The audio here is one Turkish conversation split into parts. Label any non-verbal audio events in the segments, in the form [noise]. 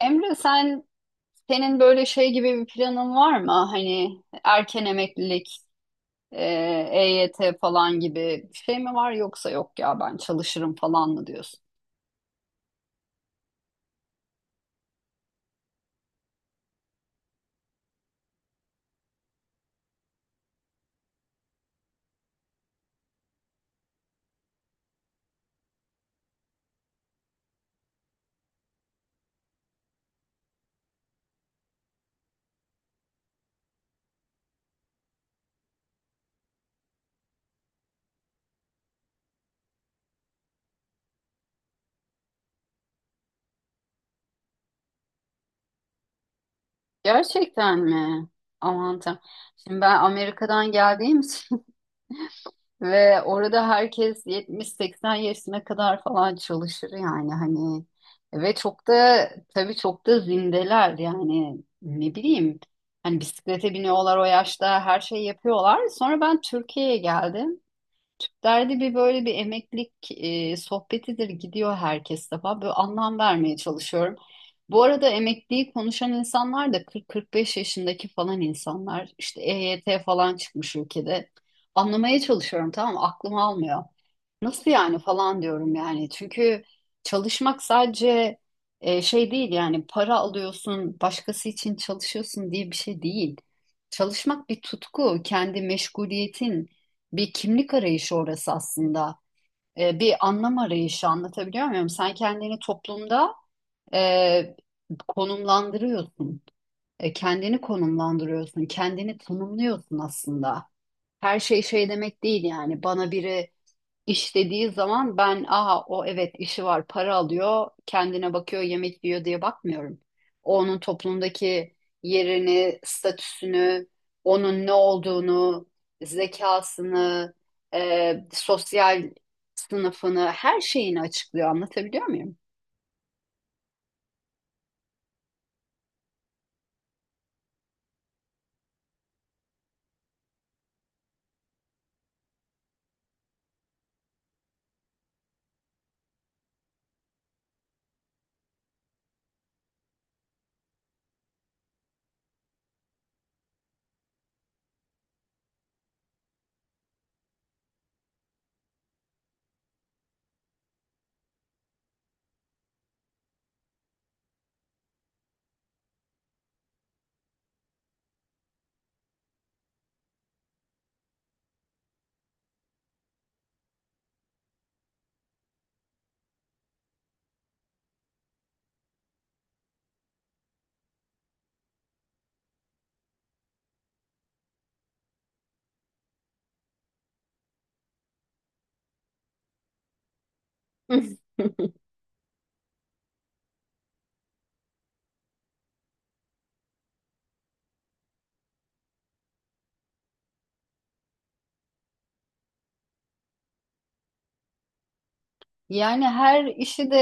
Emre, senin böyle şey gibi bir planın var mı? Hani erken emeklilik, e, EYT falan gibi bir şey mi var, yoksa "yok ya ben çalışırım" falan mı diyorsun? Gerçekten mi? Aman Tanrım. Şimdi ben Amerika'dan geldiğim için [laughs] ve orada herkes 70-80 yaşına kadar falan çalışır yani. Hani ve çok da, tabii çok da zindeler yani, ne bileyim, hani bisiklete biniyorlar o yaşta, her şeyi yapıyorlar. Sonra ben Türkiye'ye geldim. Derdi bir, böyle bir emeklilik sohbetidir gidiyor herkes defa. Böyle anlam vermeye çalışıyorum. Bu arada emekliyi konuşan insanlar da 40-45 yaşındaki falan insanlar. İşte EYT falan çıkmış ülkede. Anlamaya çalışıyorum, tamam mı? Aklım almıyor. Nasıl yani falan diyorum yani. Çünkü çalışmak sadece şey değil yani, para alıyorsun, başkası için çalışıyorsun diye bir şey değil. Çalışmak bir tutku, kendi meşguliyetin, bir kimlik arayışı orası aslında. Bir anlam arayışı, anlatabiliyor muyum? Sen kendini toplumda e, konumlandırıyorsun. Kendini konumlandırıyorsun, kendini tanımlıyorsun aslında. Her şey şey demek değil yani. Bana biri İşlediği zaman ben "aha o evet, işi var, para alıyor, kendine bakıyor, yemek yiyor" diye bakmıyorum. O onun toplumdaki yerini, statüsünü, onun ne olduğunu, zekasını, sosyal sınıfını, her şeyini açıklıyor, anlatabiliyor muyum? [laughs] Yani her işi de,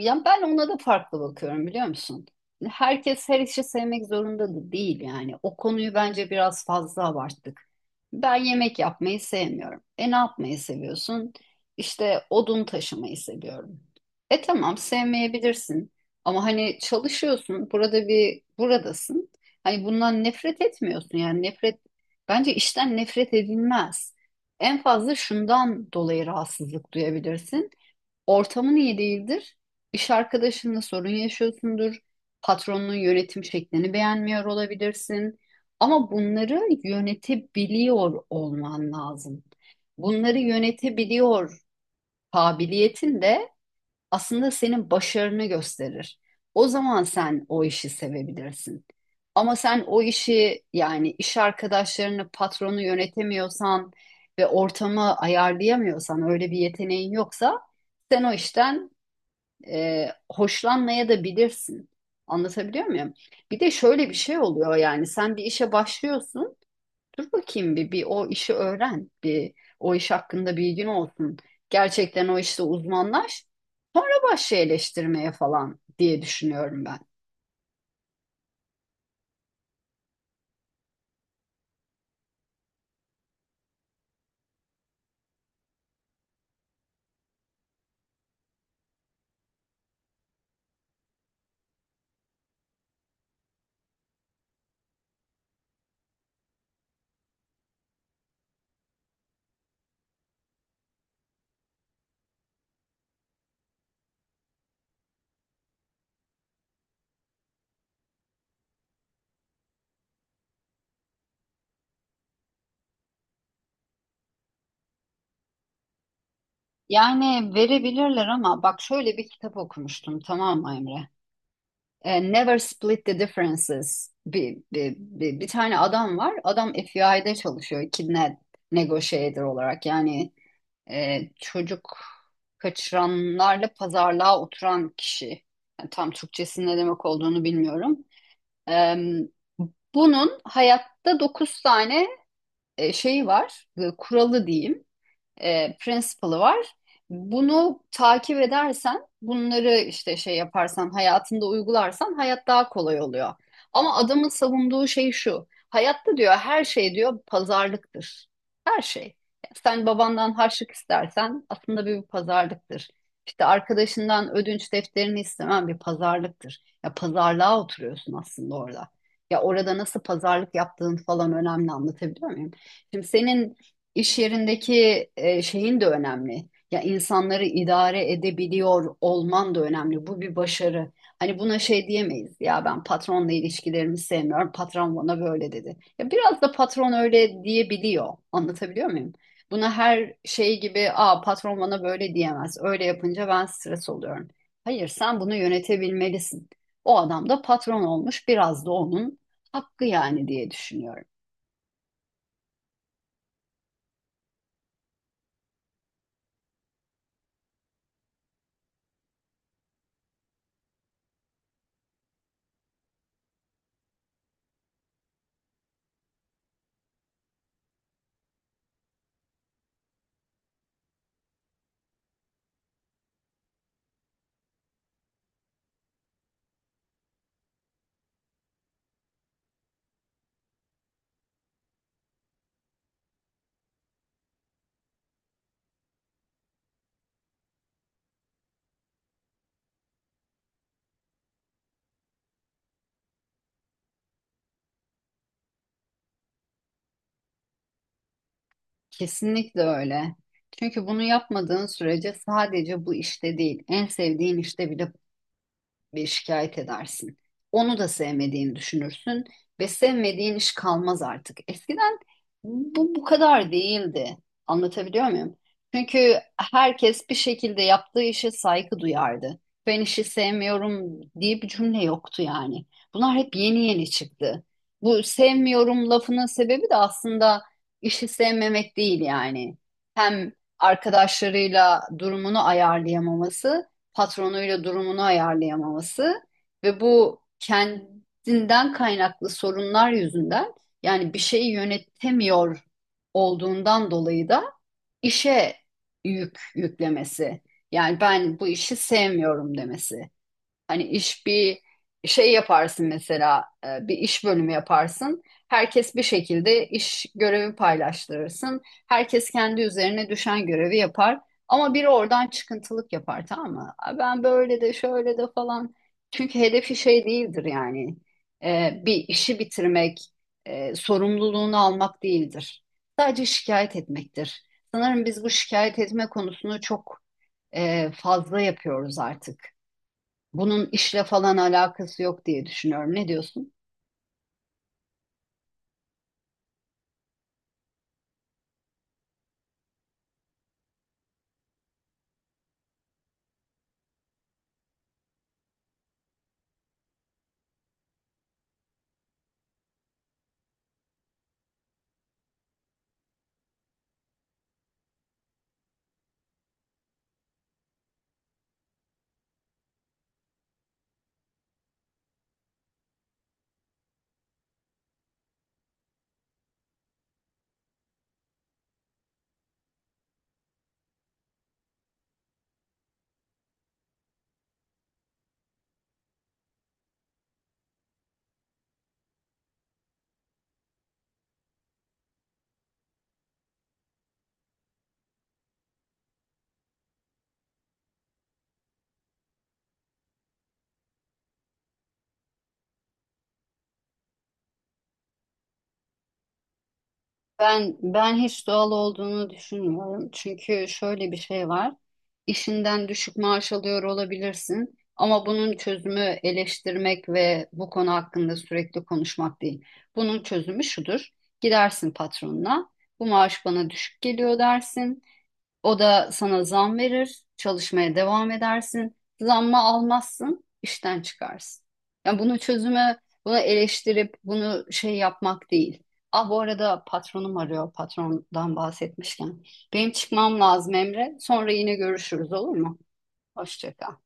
ya ben ona da farklı bakıyorum, biliyor musun? Herkes her işi sevmek zorunda da değil yani. O konuyu bence biraz fazla abarttık. Ben yemek yapmayı sevmiyorum. E, ne yapmayı seviyorsun? İşte odun taşımayı seviyorum. E, tamam, sevmeyebilirsin, ama hani çalışıyorsun. Burada bir, buradasın. Hani bundan nefret etmiyorsun yani. Nefret, bence işten nefret edilmez. En fazla şundan dolayı rahatsızlık duyabilirsin. Ortamın iyi değildir. İş arkadaşınla sorun yaşıyorsundur. Patronun yönetim şeklini beğenmiyor olabilirsin. Ama bunları yönetebiliyor olman lazım. Bunları yönetebiliyor kabiliyetin de aslında senin başarını gösterir. O zaman sen o işi sevebilirsin. Ama sen o işi, yani iş arkadaşlarını, patronu yönetemiyorsan ve ortamı ayarlayamıyorsan, öyle bir yeteneğin yoksa, sen o işten hoşlanmaya da bilirsin. Anlatabiliyor muyum? Bir de şöyle bir şey oluyor, yani sen bir işe başlıyorsun. Dur bakayım bir, bir o işi öğren. Bir o iş hakkında bilgin olsun. Gerçekten o işte uzmanlaş. Sonra başla eleştirmeye falan diye düşünüyorum ben. Yani verebilirler, ama bak, şöyle bir kitap okumuştum, tamam mı Emre? Never Split the Differences. Bir tane adam var. Adam FBI'de çalışıyor. Kidnap negotiator olarak, yani çocuk kaçıranlarla pazarlığa oturan kişi. Yani tam Türkçesinin ne demek olduğunu bilmiyorum. E, Bunun hayatta 9 tane şeyi var, kuralı diyeyim, principle'ı var. Bunu takip edersen, bunları işte şey yaparsan, hayatında uygularsan hayat daha kolay oluyor. Ama adamın savunduğu şey şu. Hayatta, diyor, her şey, diyor, pazarlıktır. Her şey. Sen babandan harçlık istersen aslında bir pazarlıktır. İşte arkadaşından ödünç defterini istemen bir pazarlıktır. Ya pazarlığa oturuyorsun aslında orada. Ya orada nasıl pazarlık yaptığın falan önemli, anlatabiliyor muyum? Şimdi senin İş yerindeki şeyin de önemli. Ya insanları idare edebiliyor olman da önemli. Bu bir başarı. Hani buna şey diyemeyiz. Ya ben patronla ilişkilerimi sevmiyorum, patron bana böyle dedi. Ya biraz da patron öyle diyebiliyor. Anlatabiliyor muyum? Buna her şey gibi, "aa, patron bana böyle diyemez, öyle yapınca ben stres oluyorum". Hayır, sen bunu yönetebilmelisin. O adam da patron olmuş. Biraz da onun hakkı yani, diye düşünüyorum. Kesinlikle öyle. Çünkü bunu yapmadığın sürece sadece bu işte değil, en sevdiğin işte bile bir şikayet edersin. Onu da sevmediğini düşünürsün ve sevmediğin iş kalmaz artık. Eskiden bu kadar değildi. Anlatabiliyor muyum? Çünkü herkes bir şekilde yaptığı işe saygı duyardı. Ben işi sevmiyorum diye bir cümle yoktu yani. Bunlar hep yeni yeni çıktı. Bu sevmiyorum lafının sebebi de aslında işi sevmemek değil yani. Hem arkadaşlarıyla durumunu ayarlayamaması, patronuyla durumunu ayarlayamaması ve bu kendinden kaynaklı sorunlar yüzünden, yani bir şeyi yönetemiyor olduğundan dolayı da işe yük yüklemesi. Yani ben bu işi sevmiyorum demesi. Hani iş bir şey yaparsın mesela, bir iş bölümü yaparsın. Herkes bir şekilde, iş görevi paylaştırırsın. Herkes kendi üzerine düşen görevi yapar. Ama biri oradan çıkıntılık yapar, tamam mı? "Aa, ben böyle de, şöyle de" falan. Çünkü hedefi şey değildir yani. Bir işi bitirmek, sorumluluğunu almak değildir. Sadece şikayet etmektir. Sanırım biz bu şikayet etme konusunu çok fazla yapıyoruz artık. Bunun işle falan alakası yok diye düşünüyorum. Ne diyorsun? Ben hiç doğal olduğunu düşünmüyorum. Çünkü şöyle bir şey var. İşinden düşük maaş alıyor olabilirsin, ama bunun çözümü eleştirmek ve bu konu hakkında sürekli konuşmak değil. Bunun çözümü şudur. Gidersin patronuna. Bu maaş bana düşük geliyor, dersin. O da sana zam verir, çalışmaya devam edersin. Zammı almazsın, işten çıkarsın. Yani bunu çözüme, bunu eleştirip bunu şey yapmak değil. Ah, bu arada patronum arıyor, patrondan bahsetmişken. Benim çıkmam lazım Emre. Sonra yine görüşürüz, olur mu? Hoşça kal.